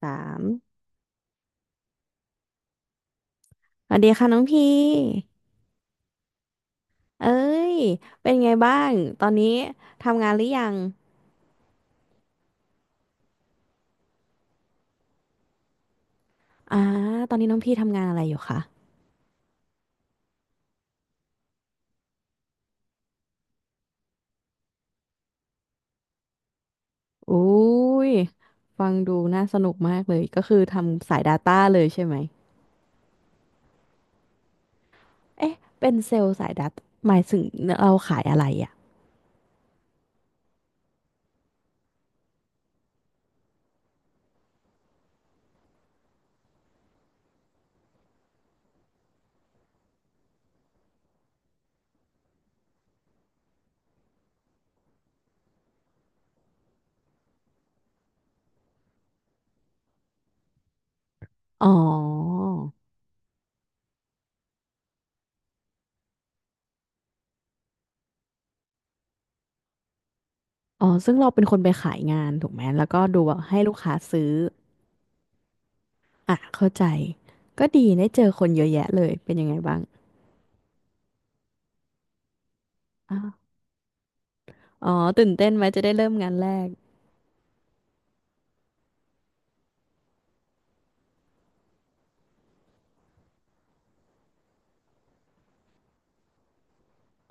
สามสวัสดีค่ะน้องพีเอ้ยเป็นไงบ้างตอนนี้ทำงานหรือยังอ่าตอนนี้น้องพี่ทำงานอะไรอยู่คะอุ้ยฟังดูน่าสนุกมากเลย ก็คือทำสาย Data เลยใช่ไหมเอ๊ะเป็นเซลล์สาย Data หมายถึงเราขายอะไรอ่ะอ๋ออ๋อซึ่งเราเป็นคนไปขายงานถูกไหมแล้วก็ดูว่าให้ลูกค้าซื้ออ่ะเข้าใจก็ดีได้เจอคนเยอะแยะเลยเป็นยังไงบ้างอ๋อตื่นเต้นไหมจะได้เริ่มงานแรก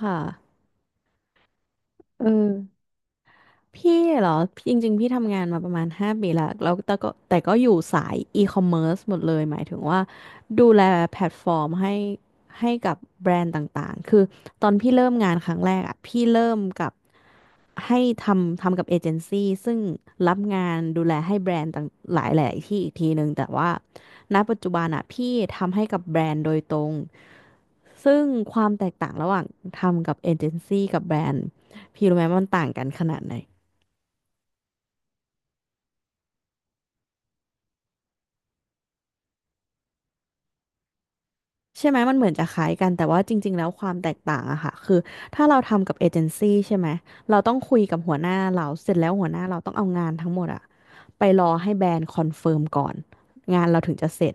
ค่ะเออพี่เหรอพี่จริงๆพี่ทำงานมาประมาณ5 ปีละแล้วแต่ก็อยู่สายอีคอมเมิร์ซหมดเลยหมายถึงว่าดูแลแพลตฟอร์มให้กับแบรนด์ต่างๆคือตอนพี่เริ่มงานครั้งแรกอ่ะพี่เริ่มกับให้ทำกับเอเจนซี่ซึ่งรับงานดูแลให้แบรนด์ต่างหลายๆที่อีกทีหนึ่งแต่ว่าณปัจจุบันอ่ะพี่ทำให้กับแบรนด์โดยตรง ซึ่งความแตกต่างระหว่างทำกับเอเจนซี่กับแบรนด์พี่รู้ไหมว่ามันต่างกันขนาดไหนใช่ไหมมันเหมือนจะคล้ายกันแต่ว่าจริงๆแล้วความแตกต่างอะค่ะคือถ้าเราทำกับเอเจนซี่ใช่ไหมเราต้องคุยกับหัวหน้าเราเสร็จแล้วหัวหน้าเราต้องเอางานทั้งหมดอะไปรอให้แบรนด์คอนเฟิร์มก่อนงานเราถึงจะเสร็จ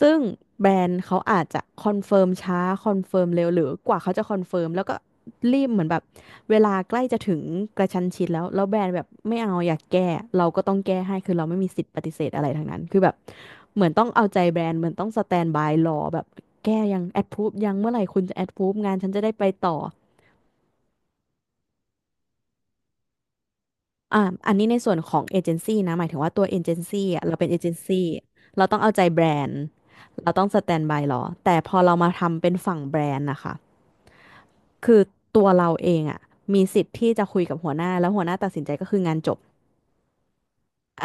ซึ่งแบรนด์เขาอาจจะคอนเฟิร์มช้าคอนเฟิร์มเร็วหรือกว่าเขาจะคอนเฟิร์มแล้วก็รีบเหมือนแบบเวลาใกล้จะถึงกระชั้นชิดแล้วแบรนด์แบบไม่เอาอยากแก้เราก็ต้องแก้ให้คือเราไม่มีสิทธิ์ปฏิเสธอะไรทั้งนั้นคือแบบเหมือนต้องเอาใจแบรนด์เหมือนต้องสแตนบายรอแบบแก้ยังแอดพรูฟยังเมื่อไหร่คุณจะแอดพรูฟงานฉันจะได้ไปต่ออ่าอันนี้ในส่วนของเอเจนซี่นะหมายถึงว่าตัวเอเจนซี่อะเราเป็นเอเจนซี่เราต้องเอาใจแบรนด์เราต้องสแตนบายรอแต่พอเรามาทำเป็นฝั่งแบรนด์นะคะ คือตัวเราเองอ่ะมีสิทธิ์ที่จะคุยกับหัวหน้าแล้วหัวหน้าตัดสินใจก็คืองานจบ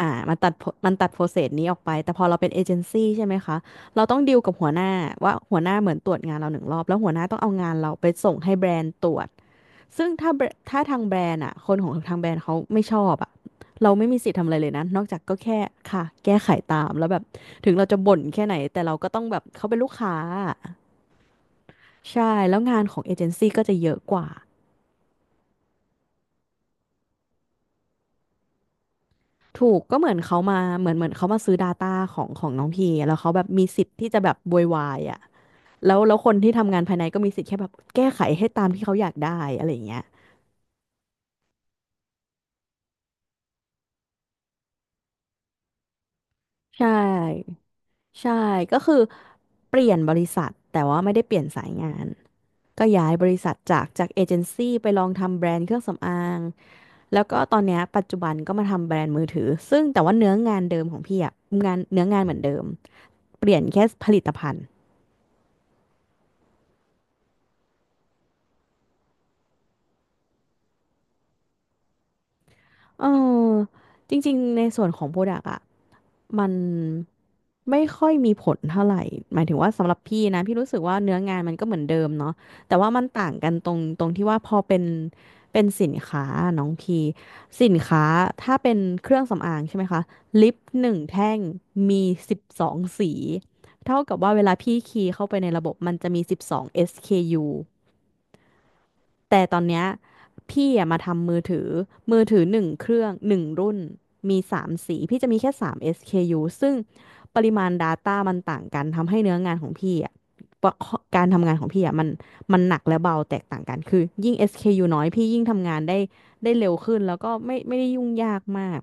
อ่ามันตัด มันตัดโปรเซสนี้ออกไปแต่พอเราเป็นเอเจนซี่ใช่ไหมคะเราต้องดีลกับหัวหน้าว่าหัวหน้าเหมือนตรวจงานเราหนึ่งรอบแล้วหัวหน้าต้องเอางานเราไปส่งให้แบรนด์ตรวจซึ่งถ้าทางแบรนด์อ่ะคนของทางแบรนด์เขาไม่ชอบอ่ะเราไม่มีสิทธิ์ทำอะไรเลยนะนอกจากก็แค่ค่ะแก้ไขตามแล้วแบบถึงเราจะบ่นแค่ไหนแต่เราก็ต้องแบบเขาเป็นลูกค้าใช่แล้วงานของเอเจนซี่ก็จะเยอะกว่า ถูกก็เหมือนเขามาเหมือนเหมือนเขามาซื้อ Data ของน้องพีแล้วเขาแบบมีสิทธิ์ที่จะแบบบวยวายอ่ะแล้วคนที่ทำงานภายในก็มีสิทธิ์แค่แบบแก้ไขให้ตามที่เขาอยากได้อะไรอย่างเงี้ยใช่ใช่ก็คือเปลี่ยนบริษัทแต่ว่าไม่ได้เปลี่ยนสายงานก็ย้ายบริษัทจากเอเจนซี่ไปลองทำแบรนด์เครื่องสำอางแล้วก็ตอนเนี้ยปัจจุบันก็มาทำแบรนด์มือถือซึ่งแต่ว่าเนื้องานเดิมของพี่อะงานเนื้องานเหมือนเดิมเปลี่ยนแค่ผลิตภัณฑ์ เออจริงๆในส่วนของโปรดักอะมันไม่ค่อยมีผลเท่าไหร่หมายถึงว่าสำหรับพี่นะพี่รู้สึกว่าเนื้องานมันก็เหมือนเดิมเนาะแต่ว่ามันต่างกันตรงที่ว่าพอเป็นสินค้าน้องพีสินค้าถ้าเป็นเครื่องสำอางใช่ไหมคะลิปหนึ่งแท่งมี12 สีเท่ากับว่าเวลาพี่คีย์เข้าไปในระบบมันจะมีสิบสอง SKU แต่ตอนเนี้ยพี่อะมาทำมือถือมือถือหนึ่งเครื่องหนึ่งรุ่นมีสามสีพี่จะมีแค่สาม SKU ซึ่งปริมาณ Data มันต่างกันทำให้เนื้องานของพี่อะประกอบการทำงานของพี่อะมันหนักและเบาแตกต่างกันคือยิ่ง SKU น้อยพี่ยิ่งทำงานได้ได้เร็วขึ้นแล้วก็ไม่ได้ยุ่งยากมาก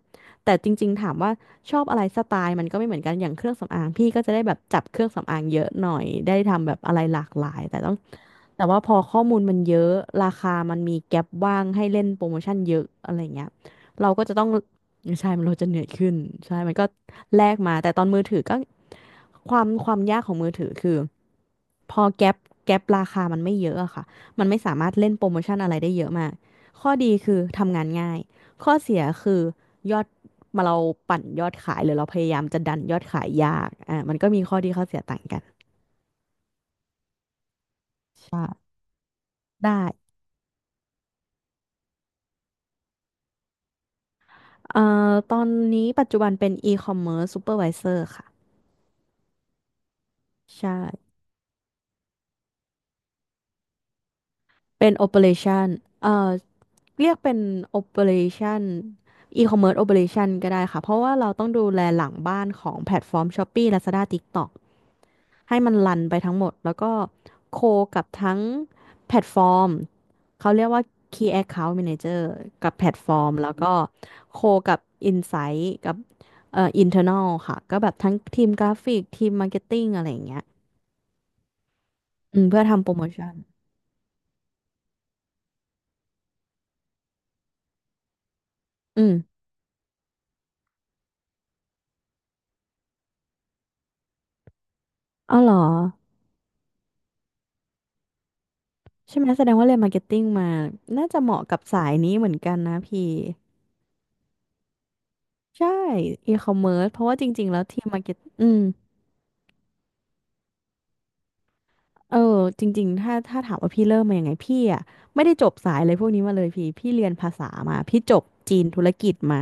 แต่จริงๆถามว่าชอบอะไรสไตล์มันก็ไม่เหมือนกันอย่างเครื่องสำอางพี่ก็จะได้แบบจับเครื่องสำอางเยอะหน่อยได้ทำแบบอะไรหลากหลายแต่ต้อง แต่ว่าพอข้อมูลมันเยอะราคามันมีแก็ปว่างให้เล่นโปรโมชั่นเยอะอะไรเงี้ยเราก็จะต้องใช่มันเราจะเหนื่อยขึ้นใช่มันก็แลกมาแต่ตอนมือถือก็ความยากของมือถือคือพอแก็ปราคามันไม่เยอะอะค่ะมันไม่สามารถเล่นโปรโมชั่นอะไรได้เยอะมากข้อดีคือทำงานง่ายข้อเสียคือยอดมาเราปั่นยอดขายหรือเราพยายามจะดันยอดขายยากอ่ามันก็มีข้อดีข้อเสียต่างกันใช่ได้ เอ่ตอนนี้ปัจจุบันเป็น e-commerce supervisor ค่ะใช่เป็น operation เอ่อเรียกเป็น operation e-commerce operation ก็ได้ค่ะเพราะว่าเราต้องดูแลหลังบ้านของแพลตฟอร์ม Shopee Lazada TikTok ให้มันรันไปทั้งหมดแล้วก็โคกับทั้งแพลตฟอร์มเขาเรียกว่า Key Account Manager กับแพลตฟอร์มแล้วก็โคกับ Insight กับinternal ค่ะก็แบบทั้งทีมกราฟิกทีมมาร์เก็ตติ้งอะไรอย่างเงี้ย อืมเพื่อทำโปรโมชั่นอืมอ๋อเหรอ ใช่ไหมแสดงว่าเรียนมาร์เก็ตติ้งมา น่าจะเหมาะกับสายนี้เหมือนกันนะพี่ ใช่อีคอมเมิร์ซเพราะว่าจริงๆแล้วทีมมาร์เก็ตอืม เออจริงๆถ้าถามว่าพี่เริ่มมายังไงพี่อ่ะไม่ได้จบสายอะไรพวกนี้มาเลยพี่เรียนภาษามาพี่จบจีนธุรกิจมา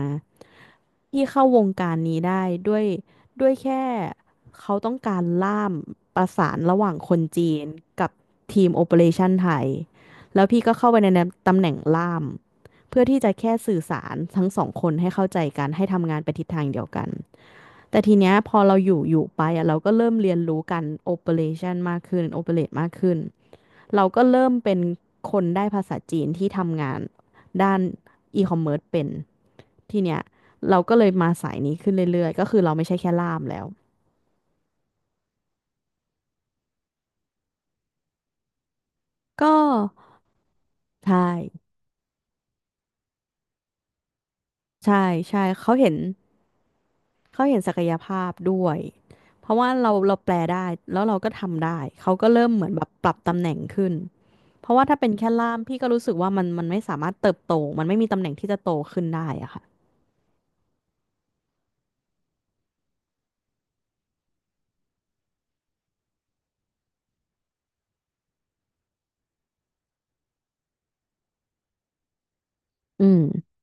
ที่เข้าวงการนี้ได้ด้วยด้วยแค่เขาต้องการล่ามประสานระหว่างคนจีนกับทีมโอเปอเรชันไทยแล้วพี่ก็เข้าไปในตำแหน่งล่ามเพื่อที่จะแค่สื่อสารทั้งสองคนให้เข้าใจกันให้ทำงานไปทิศทางเดียวกันแต่ทีเนี้ยพอเราอยู่ไปอะเราก็เริ่มเรียนรู้การโอเปอเรชันมากขึ้นโอเปเรตมากขึ้น เราก็เริ่มเป็นคนได้ภาษาจีนที่ทำงานด้านอีคอมเมิร์ซเป็นทีเนี้ยเราก็เลยมาสายนี้ขึ้นเรื่อยๆก็คือเราไม่ใช่แค่ล่ามแล้วก็ใช่ใช่ใช่เขาเห็นศักยภาพด้วยเพราะว่าเราแปลได้แล้วเราก็ทำได้เขาก็เริ่มเหมือนแบบปรับตำแหน่งขึ้นเพราะว่าถ้าเป็นแค่ล่ามพี่ก็รู้สึกว่ามันไม่สามารถเติบโตมันไม่มีตำแหน่งที่จะโตขึ้นได้อะค่ะอืม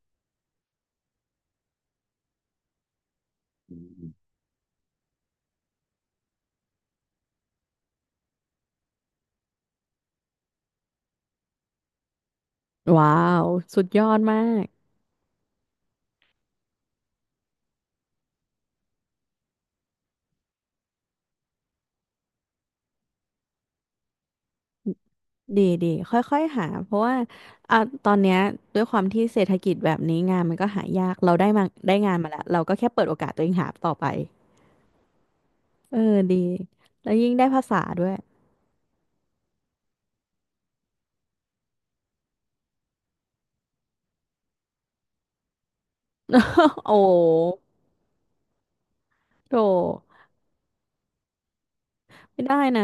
ว้าวสุดยอดมาก ดีดีค่อยๆหาเพราะว่าอ่ะตอนเนี้ยด้วยความที่เศรษฐกิจแบบนี้งานมันก็หายากเราได้มาได้งานมาแล้วเราก็แค่เปิดโอกาสตัวเองหาต่อไปเออดีแล้วยิ่งได้ภาษาด้วย โอ้โธ่ไม่ได้นะ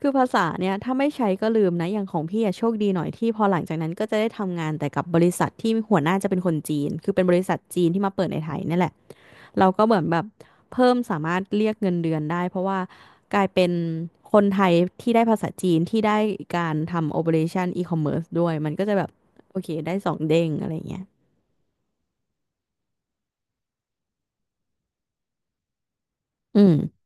คือภาษาเนี่ยถ้าไม่ใช้ก็ลืมนะอย่างของพี่อะโชคดีหน่อยที่พอหลังจากนั้นก็จะได้ทำงานแต่กับบริษัทที่หัวหน้าจะเป็นคนจีนคือเป็นบริษัทจีนที่มาเปิดในไทยนี่แหละ เราก็เหมือนแบบเพิ่มสามารถเรียกเงินเดือนได้เพราะว่ากลายเป็นคนไทยที่ได้ภาษาจีนที่ได้การทำ operation e-commerce ด้วยมันก็จะแบบโอเคได้สองเด้งอะไรเงี้ยอืม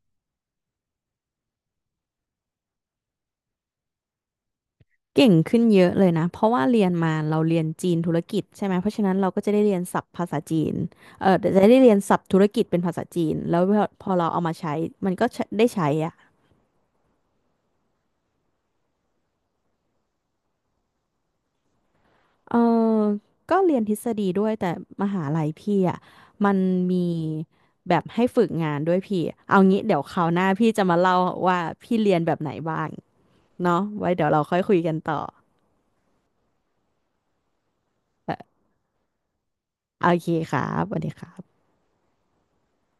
เก่งขึ้นเยอะเลยนะเพราะว่าเรียนมาเราเรียนจีนธุรกิจใช่ไหมเพราะฉะนั้นเราก็จะได้เรียนศัพท์ภาษาจีนเออจะได้เรียนศัพท์ธุรกิจเป็นภาษาจีนแล้วพอเราเอามาใช้มันก็ใช้ได้ใช้อะ เออก็เรียนทฤษฎีด้วยแต่มหาลัยพี่อ่ะมันมีแบบให้ฝึกงานด้วยพี่เอางี้เดี๋ยวคราวหน้าพี่จะมาเล่าว่าพี่เรียนแบบไหนบ้างเนาะไว้เดี๋ยวเราค่อยคุยกันต่อเออโอเคครับสวัสดีครับ